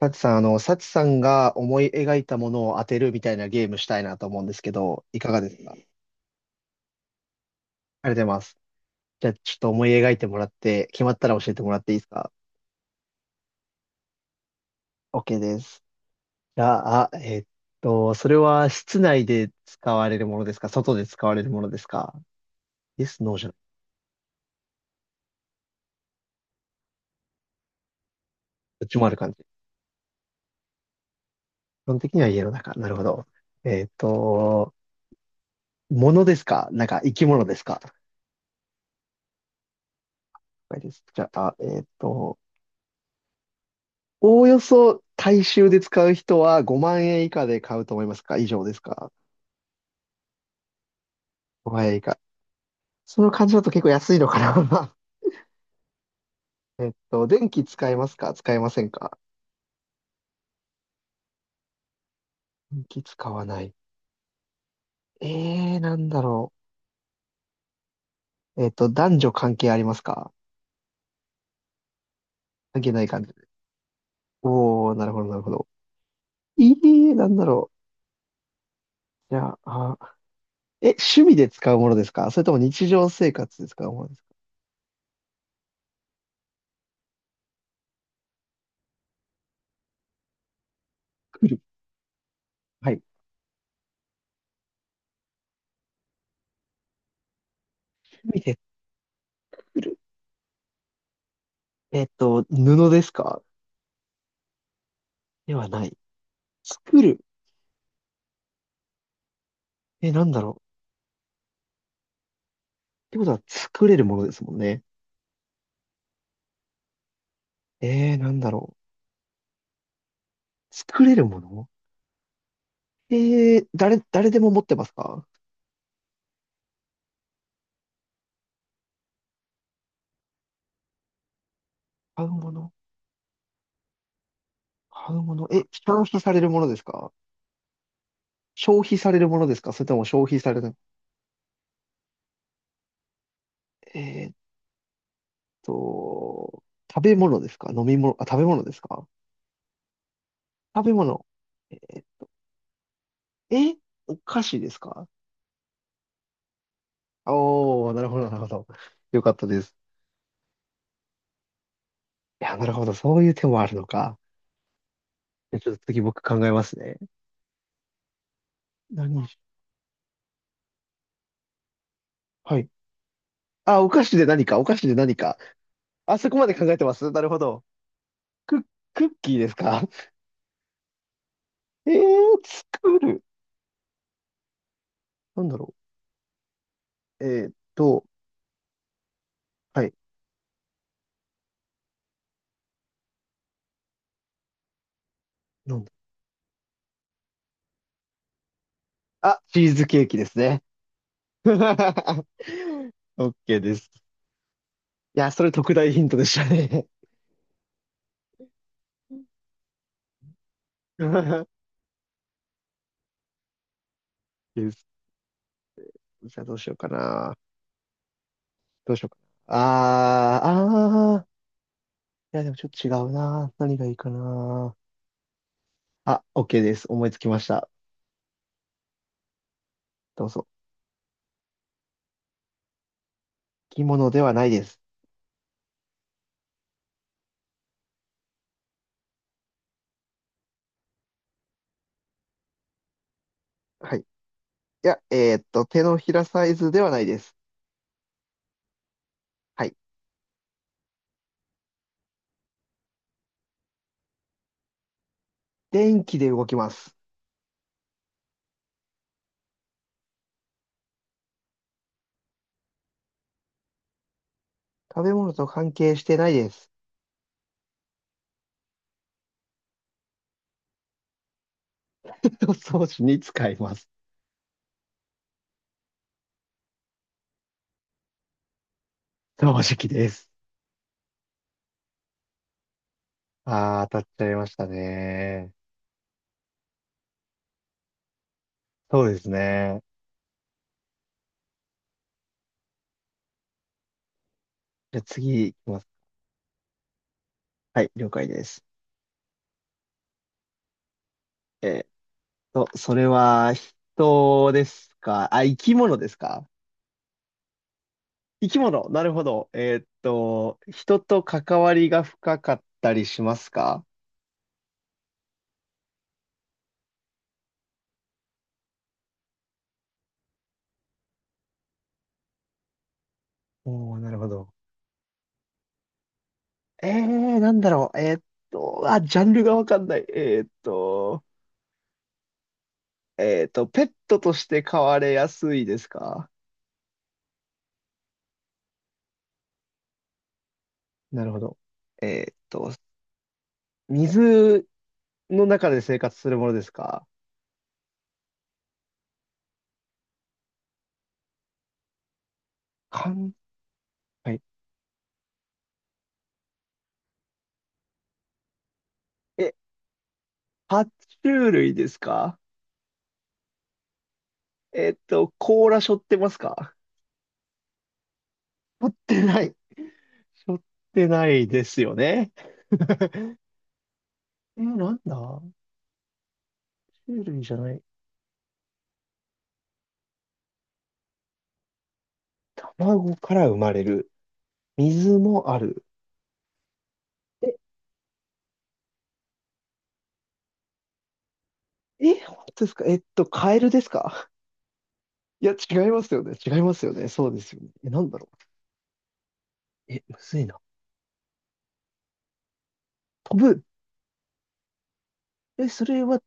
サチさん、サチさんが思い描いたものを当てるみたいなゲームしたいなと思うんですけど、いかがですか？ありがとうございます。じゃあ、ちょっと思い描いてもらって、決まったら教えてもらっていいですか？ OK です。じゃあ、それは室内で使われるものですか、外で使われるものですか？ Yes, No じゃない。どっちもある感じ。基本的には家の中。なるほど。えっと、ものですか、なんか生き物ですか？了解です。じゃあ、おおよそ大衆で使う人は5万円以下で買うと思いますか、以上ですか？ 5 万円以下。その感じだと結構安いのかな。 電気使えますか、使えませんか？電気使わない。なんだろう。男女関係ありますか？関係ない感じ。おー、なるほど、なるほど。なんだろう。じゃあ、趣味で使うものですか、それとも日常生活で使うものですか？作る。はい。趣味で作る。布ですか？ではない。作る。え、なんだろう。てことは作れるものですもんね。なんだろう。作れるもの、え誰でも持ってますか？買うもの。買うもの、え、消費されるものですか？消費されるものですか、それとも消費される、えーっと、食べ物ですか、飲み物、あ、食べ物ですか？食べ物。えー、えお菓子ですか？おー、なるほど、なるほど。よかったです。いや、なるほど。そういう手もあるのか。じゃあちょっと次僕考えますね。何し、はい。あ、お菓子で何か、お菓子で何か。あそこまで考えてますなるほど。ク、クッキーですか？ えー、作る。なんだろう。はい。なんだ。あ、チーズケーキですね。オッケーです。いや、それ特大ヒントでしたね。です。じゃあどうしようかな。どうしようかな。あー、あー。いや、でもちょっと違うな。何がいいかな。あ、オッケーです。思いつきました。どうぞ。着物ではないです。はい。いや、手のひらサイズではないです。はい。電気で動きます。食べ物と関係してないです。装置に使います。掃除機です。あー、当たっちゃいましたね。そうですね。じゃあ次いきます。はい、了解です。えーっそれは人ですか、あ、生き物ですか？生き物。なるほど。人と関わりが深かったりしますか？おー、なるほど。なんだろう。あ、ジャンルがわかんない。ペットとして飼われやすいですか？なるほど。えっと、水の中で生活するものですか？かん、はい。え、爬虫類ですか？甲羅背負ってますか？背負ってない。背負ってないですよね。なんだ、種類じゃない。卵から生まれる。水もある。え、え、本当ですか？カエルですか？いや、違いますよね。違いますよね。そうですよね。え、なんだろう。え、むずいな。飛ぶ。え、それは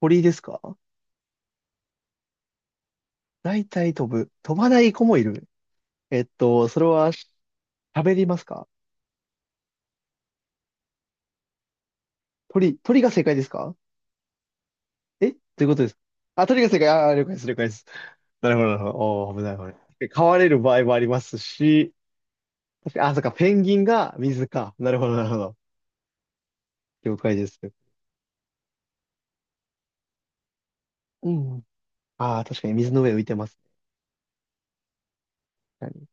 鳥ですか？大体飛ぶ。飛ばない子もいる。それは喋りますか？鳥が正解ですか？え、どういうことですか？あ、鳥が正解。あー、了解です、了解です。なるほど、なるほど。おー、危ない、危ない。飼われる場合もありますし、確かに、あ、そっか、ペンギンが水か。なるほど、なるほど。了解です。うん。ああ、確かに水の上浮いてますね。確かに、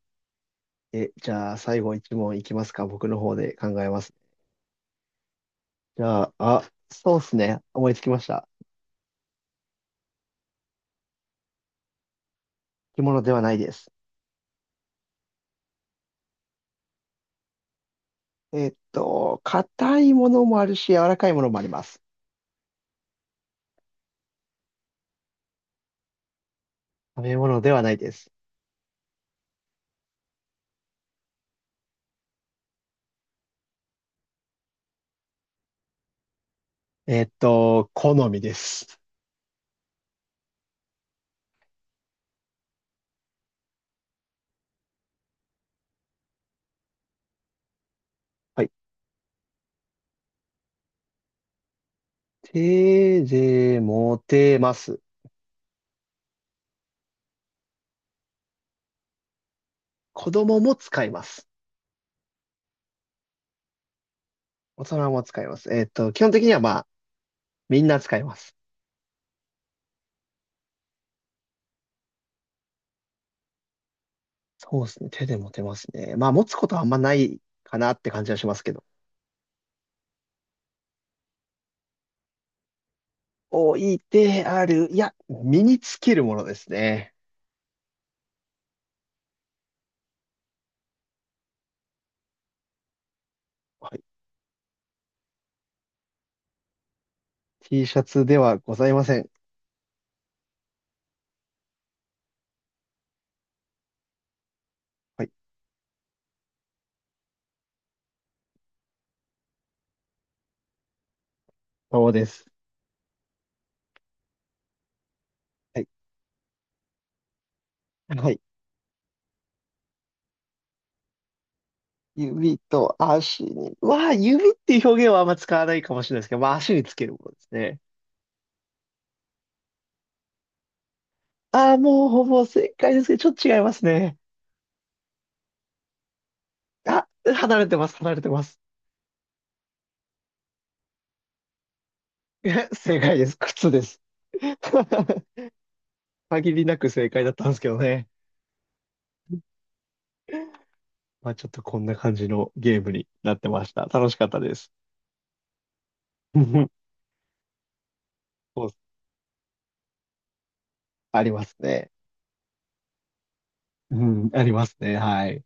え、じゃあ、最後一問いきますか。僕の方で考えますね。じゃあ、あ、そうっすね。思いつきました。着物ではないです。硬いものもあるし、柔らかいものもあります。食べ物ではないです。好みです。はい。手で持てます。子供も使います。大人も使います。基本的にはまあ、みんな使います。そうですね。手で持てますね。まあ、持つことはあんまないかなって感じはしますけど。置いてある。いや、身につけるものですね。はい。T シャツではございません。はい。そうです。はい。はい。指と足に。まあ、指っていう表現はあんま使わないかもしれないですけど、まあ、足につけるものですね。ああ、もうほぼ正解ですけど、ちょっと違いますね。あ、離れてます、離れてます。え、正解です。靴です。限りなく正解だったんですけどね。まあ、ちょっとこんな感じのゲームになってました。楽しかったです。そう、ありますね。うん、ありますね。はい。